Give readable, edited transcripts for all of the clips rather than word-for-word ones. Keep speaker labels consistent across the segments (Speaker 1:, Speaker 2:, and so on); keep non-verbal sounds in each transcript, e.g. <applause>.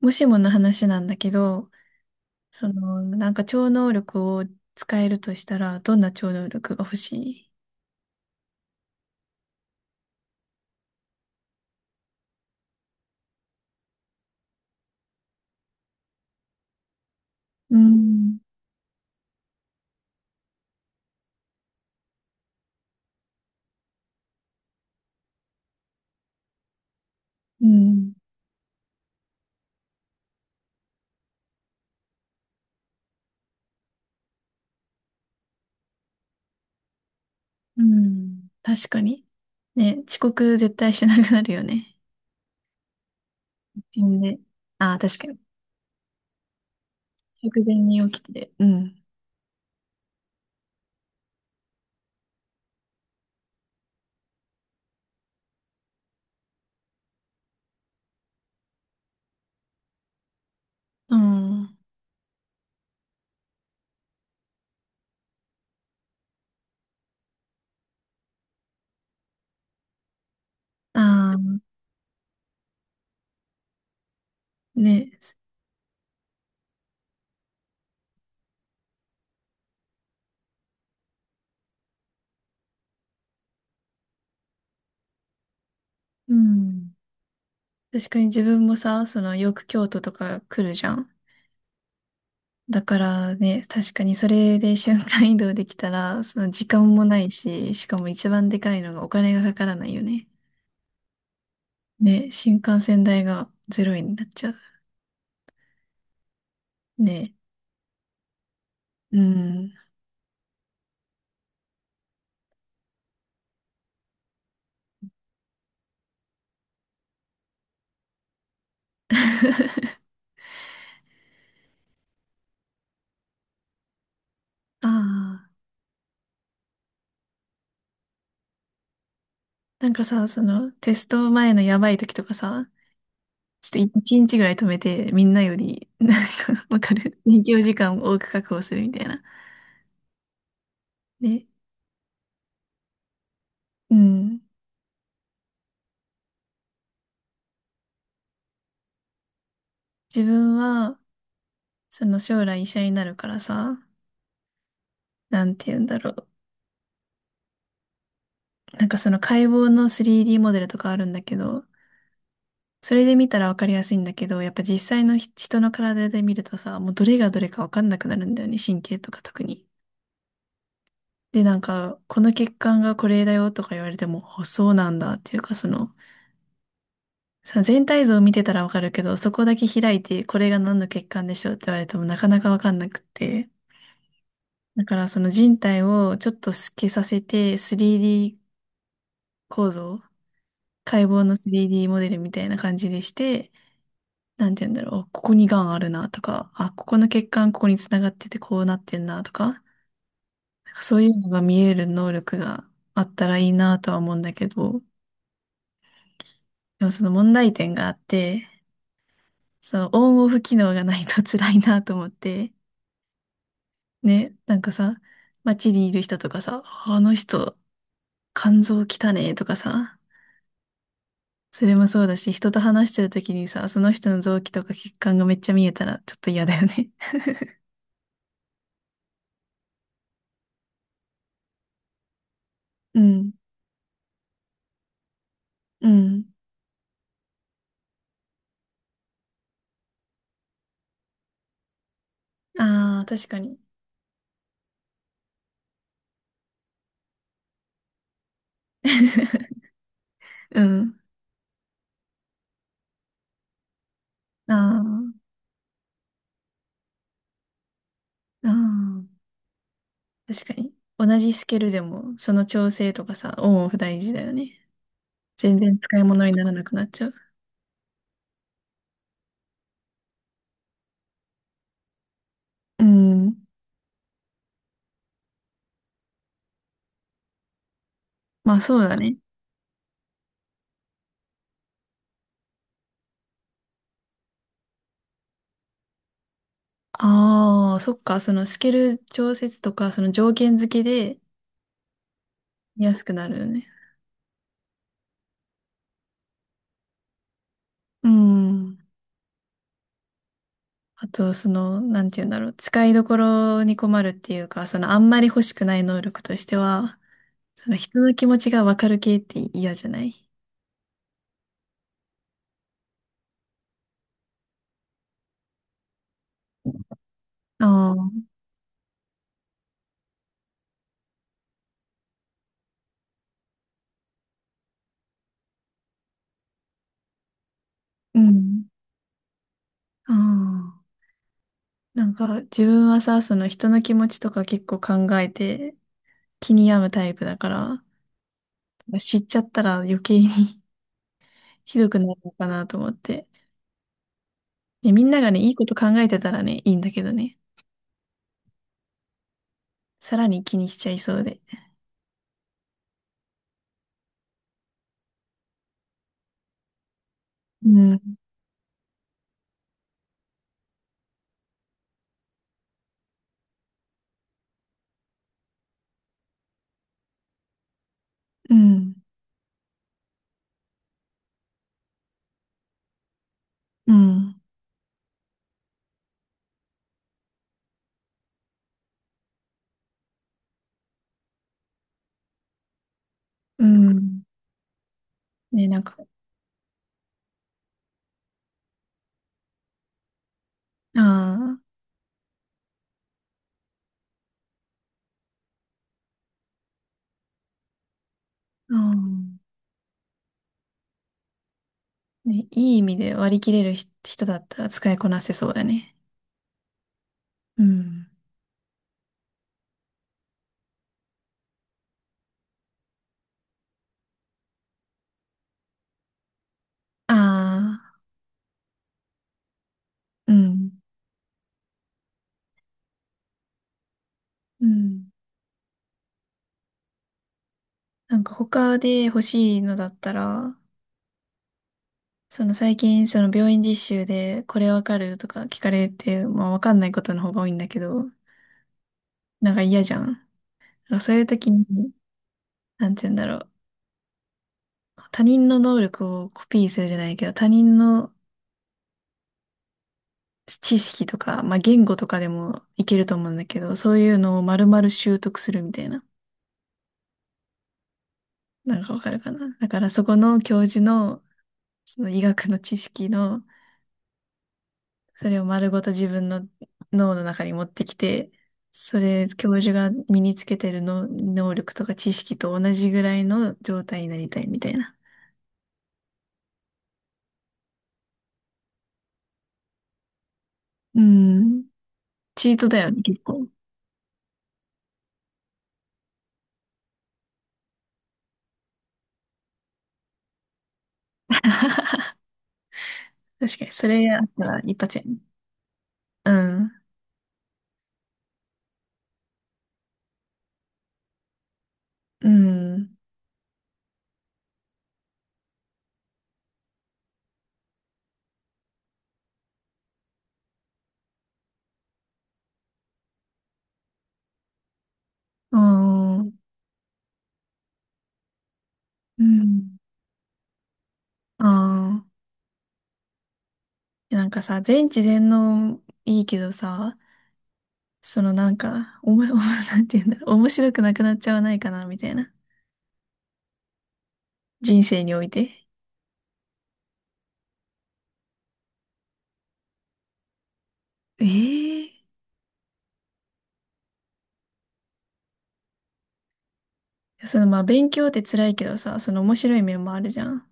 Speaker 1: もしもの話なんだけど、超能力を使えるとしたら、どんな超能力が欲しい？うん、うん、うん。確かに。ね、遅刻絶対しなくなるよね。死んで。ああ、確かに。直前に起きて。うん。うん。ああ、ね。うん。確かに自分もさ、よく京都とか来るじゃん。だからね、確かにそれで瞬間移動できたら、その時間もないし、しかも一番でかいのがお金がかからないよね。ね、新幹線代が0円になっちゃう。ね、うん。<laughs> ああ、なんかさ、そのテスト前のやばい時とかさ、ちょっと一日ぐらい止めて、みんなより、なんか、わかる勉強時間を多く確保するみたいな。ね、うん。自分は、将来医者になるからさ、なんて言うんだろう。なんかその解剖の 3D モデルとかあるんだけど、それで見たらわかりやすいんだけど、やっぱ実際の人の体で見るとさ、もうどれがどれかわかんなくなるんだよね、神経とか特に。で、なんか、この血管がこれだよとか言われても、あ、そうなんだっていうか、全体像を見てたらわかるけど、そこだけ開いて、これが何の血管でしょうって言われてもなかなかわかんなくって。だからその人体をちょっと透けさせて、3D 構造、解剖の 3D モデルみたいな感じでして、なんて言うんだろう、ここに癌あるなとか、あ、ここの血管ここに繋がっててこうなってんなとか、なんかそういうのが見える能力があったらいいなとは思うんだけど、でもその問題点があって、そのオンオフ機能がないと辛いなと思って、ね、なんかさ、街にいる人とかさ、あの人、肝臓汚ねとかさ、それもそうだし、人と話してる時にさ、その人の臓器とか血管がめっちゃ見えたらちょっと嫌だよね。<laughs> うん、うん。ああ、確かに。<laughs> うん。ああ、ああ、確かに。同じスケールでも、その調整とかさ、オンオフ大事だよね。全然使い物にならなくなっちゃう。うん。まあそうだね。ああ、そっか。そのスケール調節とか、その条件付けで安くなるよね。うん。あと、なんて言うんだろう。使いどころに困るっていうか、そのあんまり欲しくない能力としては、その人の気持ちがわかる系って嫌じゃない？ああ、うん。ああ。なんか自分はさ、その人の気持ちとか結構考えて気に病むタイプだから、知っちゃったら余計に <laughs> ひどくなるのかなと思って。で、みんながね、いいこと考えてたらね、いいんだけどね、さらに気にしちゃいそうで。うん、うん、うん、うん。ね、なんか、ああ、ああ、ね、いい意味で割り切れる人だったら使いこなせそうだね。うん。ああ、うん、うん。なんか他で欲しいのだったら、その最近、その病院実習でこれわかるとか聞かれて、まあわかんないことの方が多いんだけど、なんか嫌じゃん。なんかそういう時に、なんて言うんだろう。他人の能力をコピーするじゃないけど、他人の知識とか、まあ言語とかでもいけると思うんだけど、そういうのを丸々習得するみたいな。なんかわかるかな。だからそこの教授の、その医学の知識の、それを丸ごと自分の脳の中に持ってきて、それ、教授が身につけてるの能力とか知識と同じぐらいの状態になりたいみたいな。うん。チートだよね、結構。確かに。それやったら一発やね。うん。うん。ああ、うん。ああ。なんかさ、全知全能いいけどさ、そのなんか、<laughs> なんて言うんだろう、面白くなくなっちゃわないかな、みたいな。人生において。ええ、そのまあ勉強って辛いけどさ、その面白い面もあるじゃん。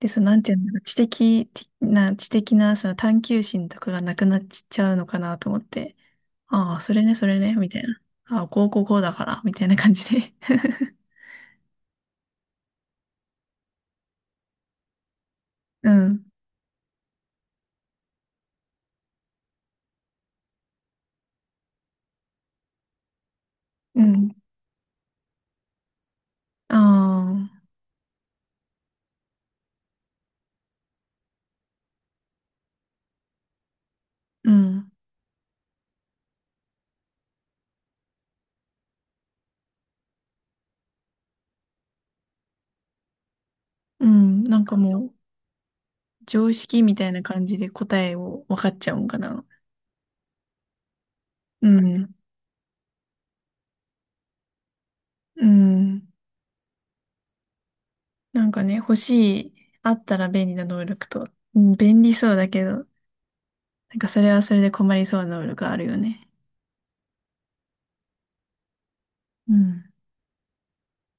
Speaker 1: で、そのなんていうんだろう、知的なその探求心とかがなくなっちゃうのかなと思って、ああ、それね、それね、みたいな。ああ、こうこうこうだから、みたいな感じで。<laughs> うん。うん。ああ、うん。うん。なんかもう、常識みたいな感じで答えを分かっちゃうんかな。うん。うん。なんかね、欲しい、あったら便利な能力と、うん、便利そうだけど、なんかそれはそれで困りそうな能力あるよね。うん。